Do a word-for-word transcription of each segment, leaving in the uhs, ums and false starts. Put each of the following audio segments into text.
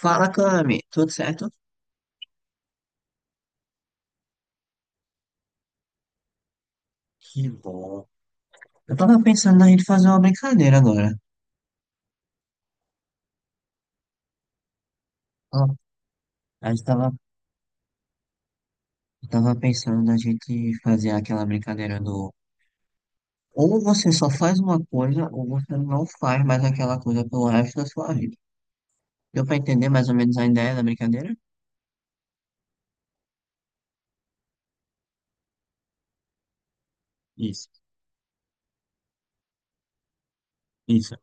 Fala, Cami, tudo certo? Que bom. Eu tava pensando na gente fazer uma brincadeira agora. Ó, a gente tava, eu tava pensando na gente fazer aquela brincadeira do ou você só faz uma coisa ou você não faz mais aquela coisa pelo resto da sua vida. Deu pra entender mais ou menos a ideia da brincadeira? Isso, isso.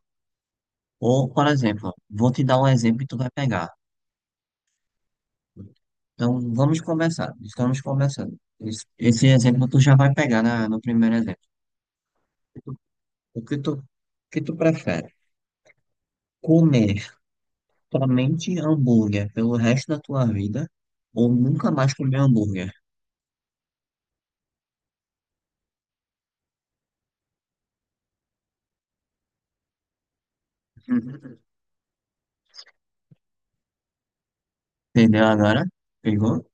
Ou, por exemplo, vou te dar um exemplo e tu vai pegar. Então, vamos conversar Estamos conversando Esse, esse exemplo tu já vai pegar na, no primeiro exemplo. O que tu, o que tu prefere? Comer somente hambúrguer pelo resto da tua vida ou nunca mais comer hambúrguer. Entendeu agora? Pegou?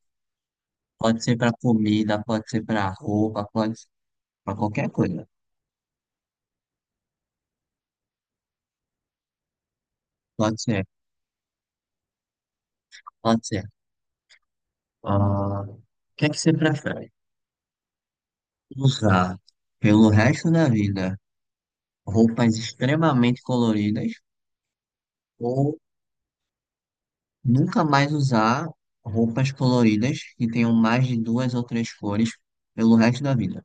Pode ser pra comida, pode ser pra roupa, pode ser pra qualquer coisa. Pode ser, pode ser. Ah, o que é que você prefere? Usar pelo resto da vida roupas extremamente coloridas ou nunca mais usar roupas coloridas que tenham mais de duas ou três cores pelo resto da vida?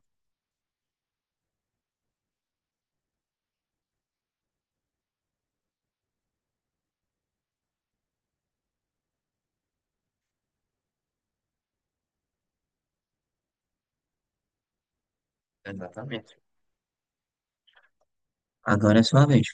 Exatamente. Agora é sua vez.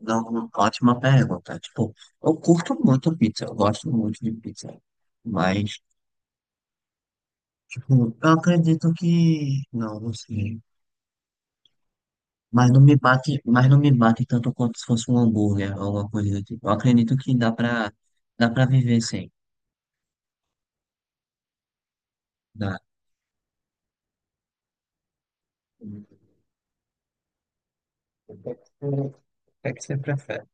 Não, ótima pergunta. Tipo, eu curto muito pizza, eu gosto muito de pizza. Mas, tipo, eu acredito que. Não, não sei. Mas não me bate, mas não me bate tanto quanto se fosse um hambúrguer ou alguma coisa do tipo. Eu acredito que dá pra, dá pra viver sem. Dá. O que é que você o que é que você prefere?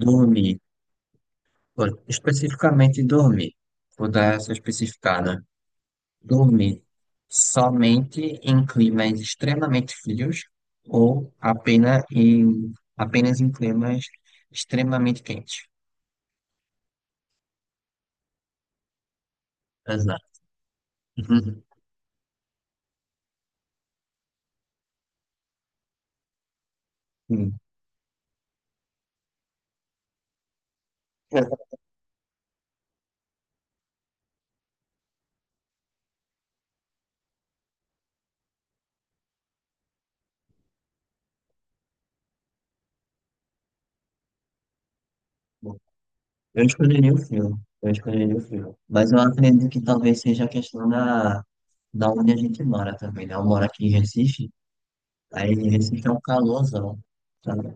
Dormir. Pô, especificamente dormir. Vou dar essa especificada. Dormir somente em climas extremamente frios ou apenas em, apenas em climas extremamente quentes? Exato. Sim. Eu escolheria o frio. Eu escolheria o frio. Mas eu acredito que talvez seja a questão da, da onde a gente mora também, né? Eu moro aqui em Recife, aí em Recife é um calorzão, sabe?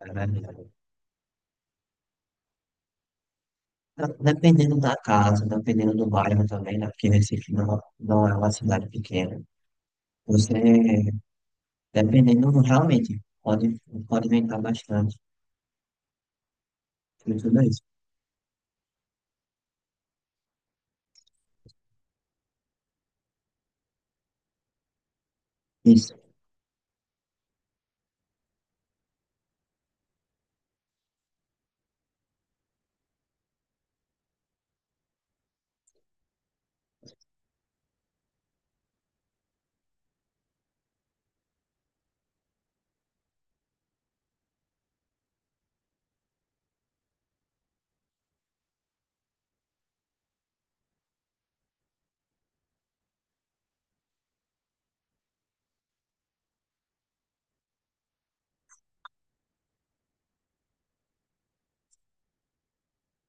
É verdade. Tá, dependendo da casa, dependendo do bairro também, né? Porque Recife não, não é uma cidade pequena. Você, dependendo, realmente, pode, pode aumentar bastante em tudo isso. Isso.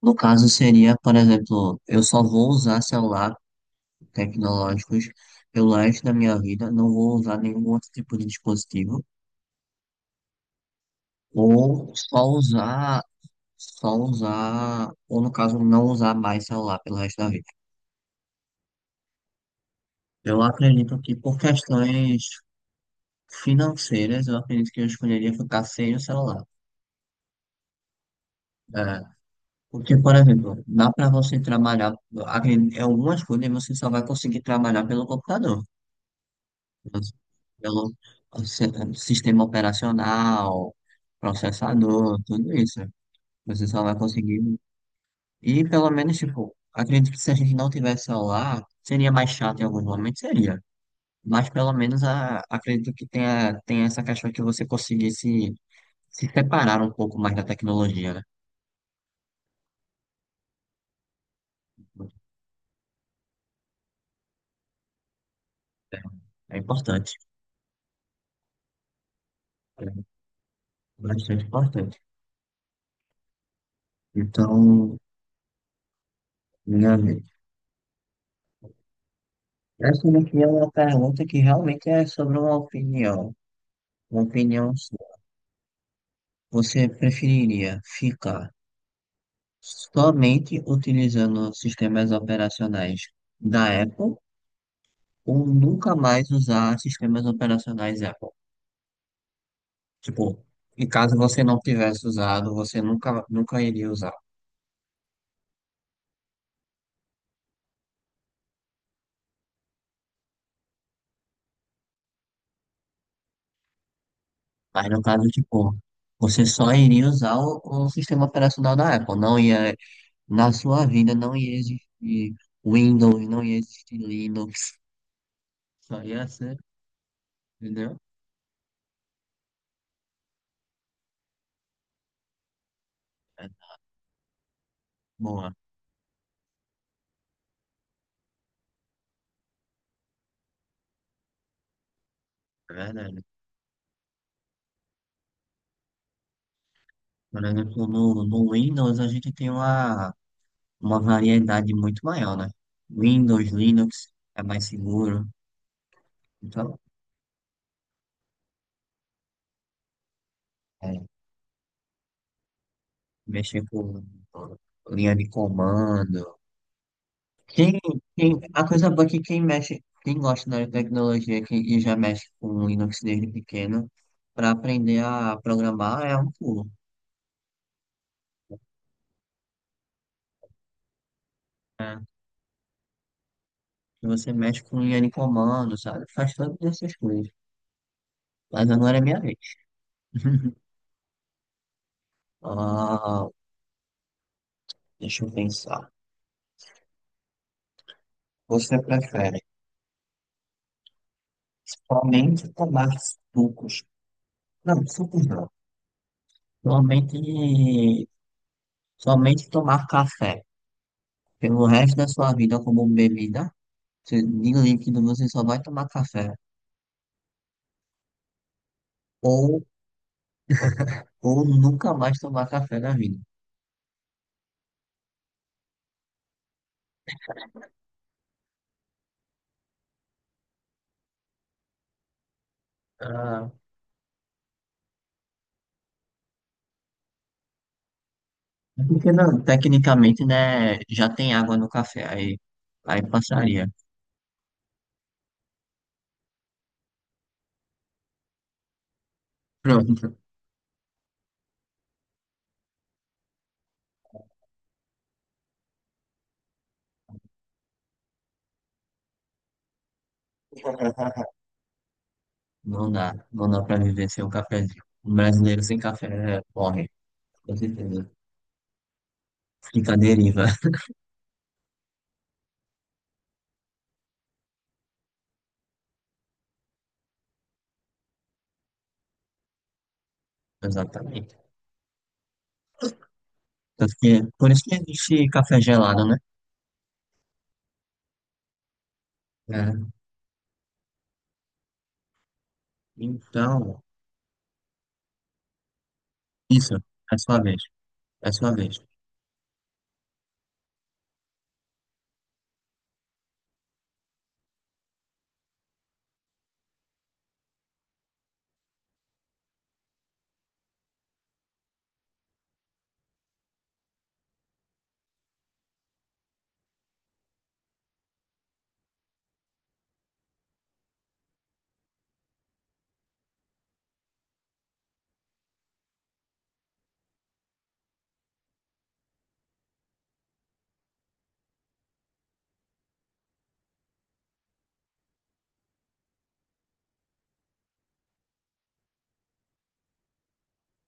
No caso, seria, por exemplo, eu só vou usar celular tecnológicos pelo resto da minha vida, não vou usar nenhum outro tipo de dispositivo, ou só usar, só usar, ou no caso, não usar mais celular pelo resto da vida. Eu acredito que por questões financeiras, eu acredito que eu escolheria ficar sem o celular. É, porque, por exemplo, dá para você trabalhar, acre- em algumas coisas você só vai conseguir trabalhar pelo computador, pelo se- sistema operacional, processador, tudo isso. Você só vai conseguir. E pelo menos, tipo, acredito que se a gente não tivesse celular, seria mais chato em alguns momentos, seria. Mas pelo menos a, acredito que tenha, tenha essa questão que você conseguisse se separar um pouco mais da tecnologia, né? É, é importante. É bastante importante. Então, meu amigo, essa daqui é uma pergunta que realmente é sobre uma opinião. Uma opinião sua. Você preferiria ficar somente utilizando sistemas operacionais da Apple ou nunca mais usar sistemas operacionais Apple? Tipo, e caso você não tivesse usado, você nunca, nunca iria usar. Mas no caso, tipo, você só iria usar o, o sistema operacional da Apple, não ia na sua vida não ia existir Windows, não ia existir Linux, só ia ser, entendeu? É, boa, é verdade. Por exemplo, no, no Windows a gente tem uma, uma variedade muito maior, né? Windows, Linux é mais seguro, então, é, mexer com linha de comando. Quem, quem, a coisa boa é que quem mexe, quem gosta da tecnologia quem, e já mexe com Linux desde pequeno, para aprender a programar é um pulo. É, que você mexe com Yanni Comando, sabe? Faz todas essas coisas. Mas agora é minha vez. Ah, deixa eu pensar. Você prefere somente tomar sucos? Não, sucos não. Somente, somente tomar café pelo resto da sua vida como bebida. Se- De líquido você só vai tomar café. Ou, ou nunca mais tomar café na vida. Ah, é porque não, tecnicamente, né? Já tem água no café, aí, aí passaria. Pronto. Não dá, não dá pra viver sem um cafezinho. Um brasileiro sem café morre, com certeza. Fica à deriva, exatamente. Tanto que, por isso que existe café gelado, né? É. Então, isso, é sua vez, é sua vez.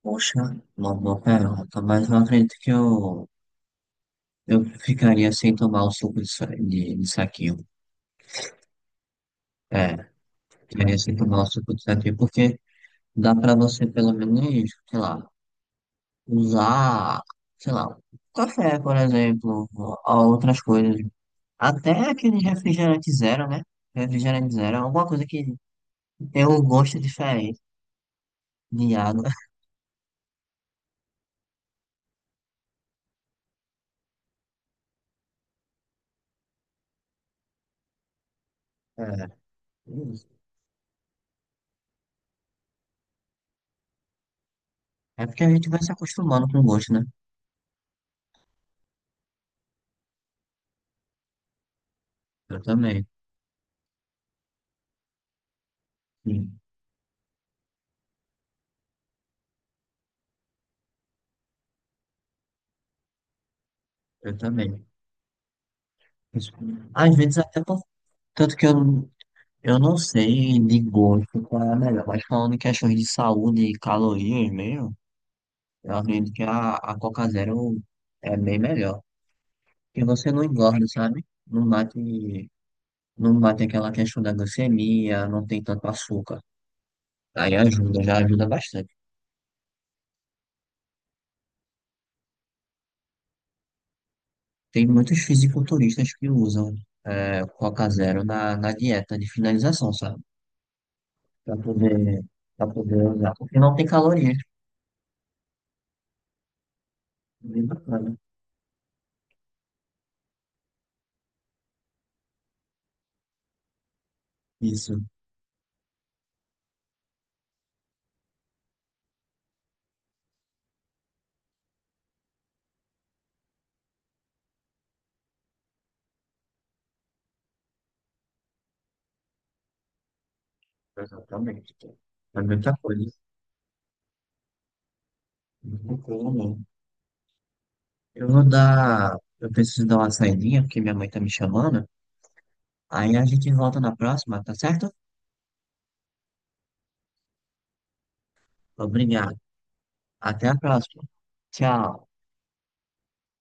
Poxa, uma boa pergunta, mas eu acredito que eu, eu ficaria sem tomar o suco de, sa- de, de saquinho. É, ficaria sem tomar o suco de saquinho, porque dá pra você pelo menos, sei lá, usar, sei lá, café, por exemplo, ou outras coisas. Até aquele refrigerante zero, né? Refrigerante zero é alguma coisa que tem um gosto diferente de água. É, isso. É porque a gente vai se acostumando com o gosto, né? Eu também. Sim, eu também. Isso. Às vezes até por... Tanto que eu, eu não sei de gosto qual é a melhor, mas falando em questões de saúde e calorias mesmo, eu acredito que a, a Coca Zero é bem melhor. Que você não engorda, sabe? Não bate, não bate aquela questão da glicemia, não tem tanto açúcar. Aí ajuda, já ajuda bastante. Tem muitos fisiculturistas que usam é, Coca Zero na, na dieta de finalização, sabe? Pra poder, pra poder usar, porque não tem calorias. Bem bacana. Isso, exatamente. É muita coisa. Muita coisa mesmo. Eu vou dar. Eu preciso dar uma saidinha, porque minha mãe tá me chamando. Aí a gente volta na próxima, tá certo? Obrigado. Até a próxima. Tchau.